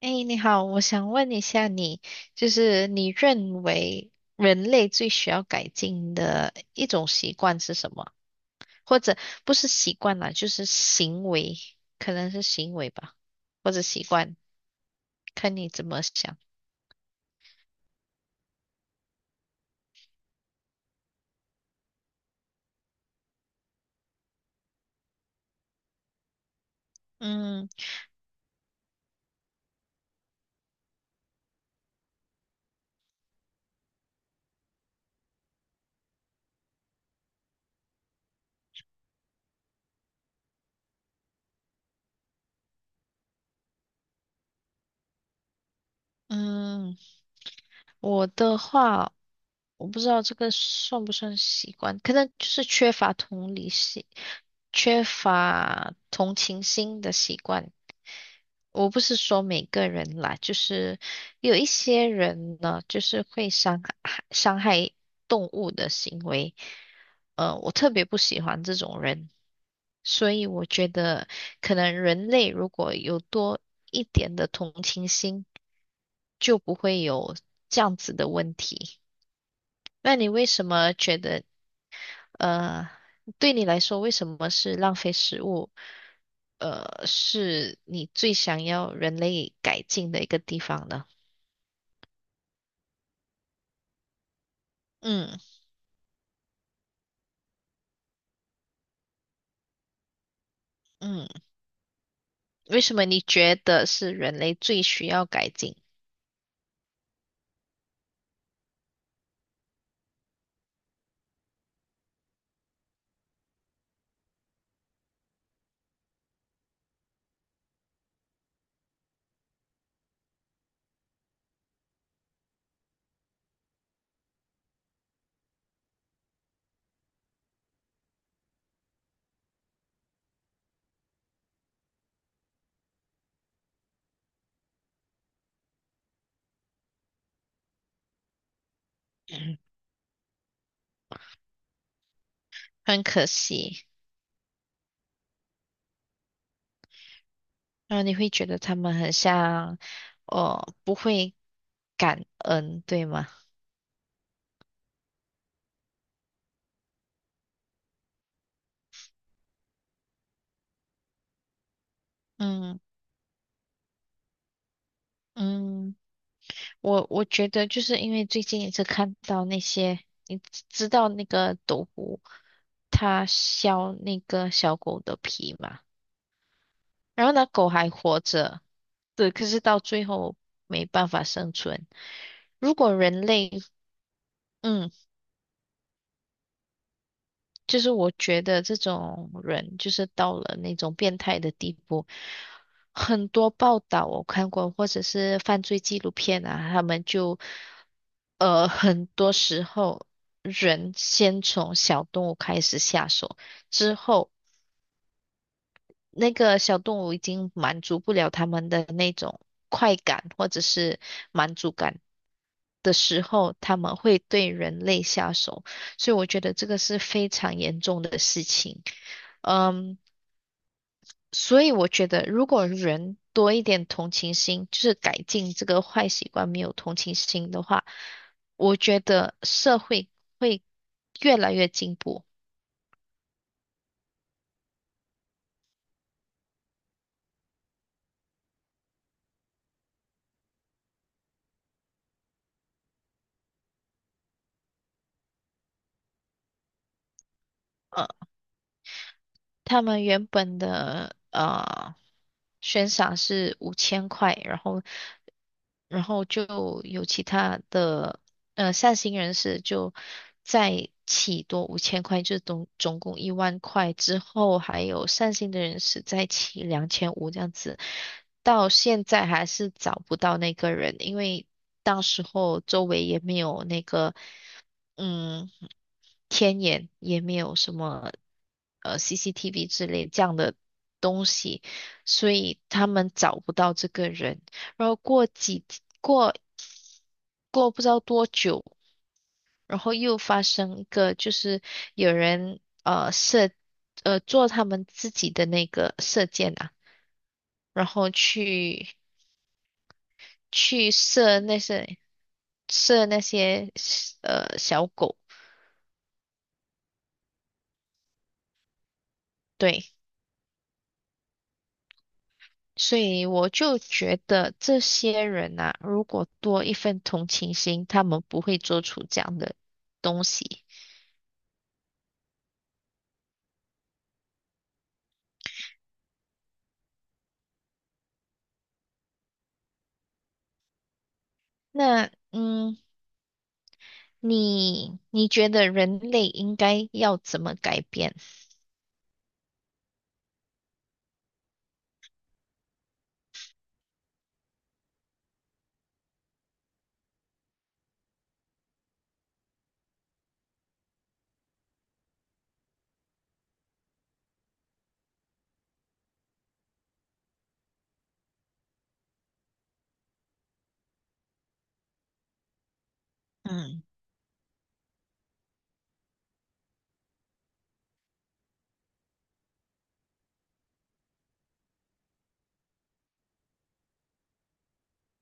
哎，你好，我想问一下你，就是你认为人类最需要改进的一种习惯是什么？或者不是习惯啦，就是行为，可能是行为吧，或者习惯，看你怎么想。嗯嗯，我的话，我不知道这个算不算习惯，可能就是缺乏同理心、缺乏同情心的习惯。我不是说每个人啦，就是有一些人呢，就是会伤害动物的行为，我特别不喜欢这种人，所以我觉得可能人类如果有多一点的同情心，就不会有这样子的问题。那你为什么觉得，呃，对你来说，为什么是浪费食物？是你最想要人类改进的一个地方呢？嗯嗯，为什么你觉得是人类最需要改进？嗯很可惜，然后你会觉得他们很像，哦，不会感恩，对吗？嗯嗯，我觉得就是因为最近一直看到那些，你知道那个斗篷，它削那个小狗的皮嘛？然后那狗还活着，对，可是到最后没办法生存。如果人类，嗯，就是我觉得这种人就是到了那种变态的地步，很多报道我看过，或者是犯罪纪录片啊，他们就，很多时候人先从小动物开始下手，之后。那个小动物已经满足不了他们的那种快感或者是满足感的时候，他们会对人类下手，所以我觉得这个是非常严重的事情。嗯，所以我觉得如果人多一点同情心，就是改进这个坏习惯，没有同情心的话，我觉得社会会越来越进步。他们原本的悬赏是五千块，然后就有其他的善心人士就再起多五千块，就总共10000块之后，还有善心的人士再起2500这样子，到现在还是找不到那个人，因为当时候周围也没有那个嗯。天眼，也没有什么CCTV 之类这样的东西，所以他们找不到这个人。然后过几过过不知道多久，然后又发生一个，就是有人呃射呃做他们自己的那个射箭啊，然后去射那些射那些小狗，对。所以我就觉得这些人呐、如果多一份同情心，他们不会做出这样的东西。那嗯，你觉得人类应该要怎么改变？嗯。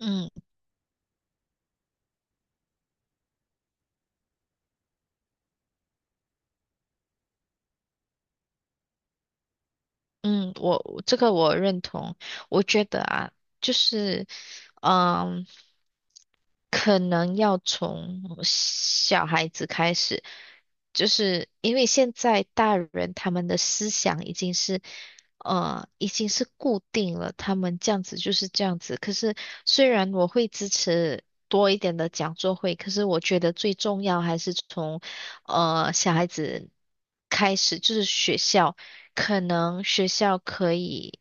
嗯。嗯，我这个我认同，我觉得啊，就是嗯。可能要从小孩子开始，就是因为现在大人他们的思想已经是，已经是固定了，他们这样子就是这样子。可是虽然我会支持多一点的讲座会，可是我觉得最重要还是从，小孩子开始，就是学校。可能学校可以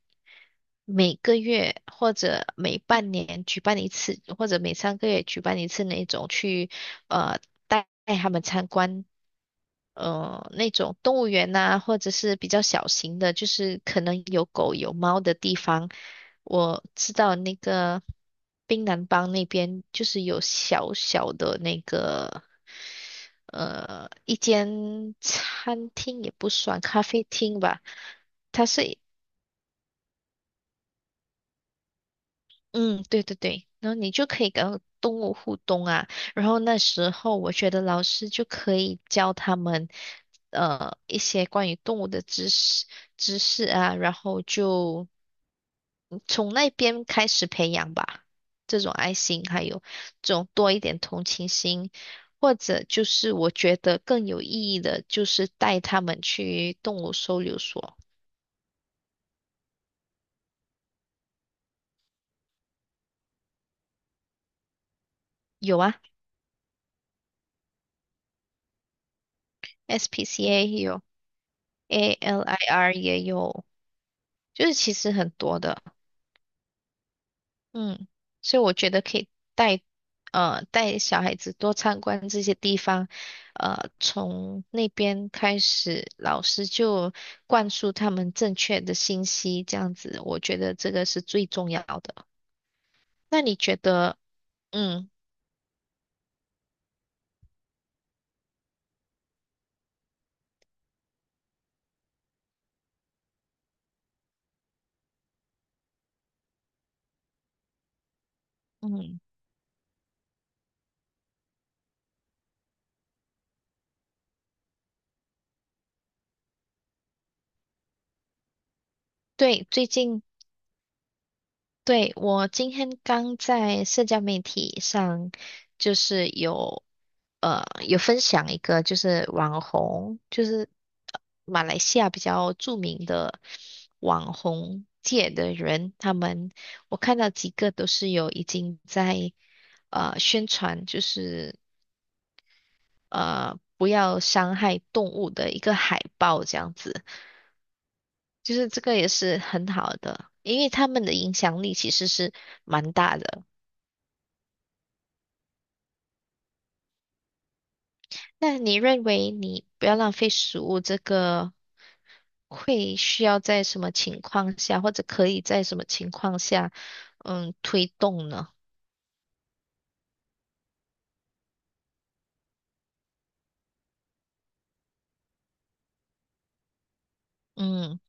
每个月或者每半年举办一次，或者每三个月举办一次那种去呃带他们参观那种动物园呐、或者是比较小型的，就是可能有狗有猫的地方，我知道那个槟榔帮那边就是有小小的那个一间餐厅也不算咖啡厅吧，它是嗯，对对对，然后你就可以跟动物互动啊。然后那时候我觉得老师就可以教他们一些关于动物的知识啊，然后就从那边开始培养吧，这种爱心，还有这种多一点同情心，或者就是我觉得更有意义的，就是带他们去动物收留所，有啊，SPCA 也有，ALIR 也有。就是其实很多的，嗯，所以我觉得可以带带小孩子多参观这些地方，从那边开始，老师就灌输他们正确的信息，这样子，我觉得这个是最重要的。那你觉得，嗯嗯，对，最近。对，我今天刚在社交媒体上，就是有呃有分享一个，就是网红，就是呃马来西亚比较著名的网红界的人，他们我看到几个都是有已经在宣传，就是不要伤害动物的一个海报这样子。就是这个也是很好的，因为他们的影响力其实是蛮大的。那你认为你不要浪费食物这个会需要在什么情况下，或者可以在什么情况下，嗯，推动呢？嗯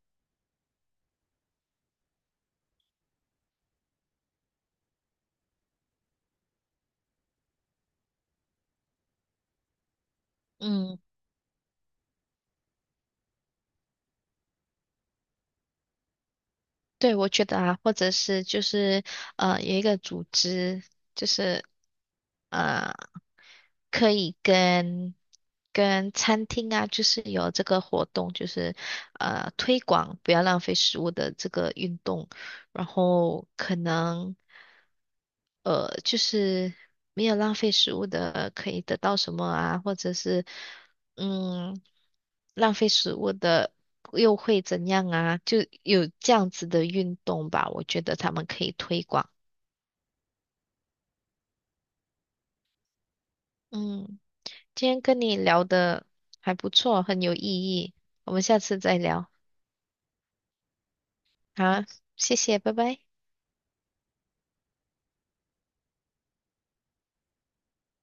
嗯，对，我觉得啊，或者是就是有一个组织，就是呃可以跟餐厅啊，就是有这个活动，就是推广不要浪费食物的这个运动，然后可能就是没有浪费食物的可以得到什么啊，或者是嗯浪费食物的又会怎样啊？就有这样子的运动吧，我觉得他们可以推广。嗯，今天跟你聊的还不错，很有意义，我们下次再聊。好，谢谢，拜拜。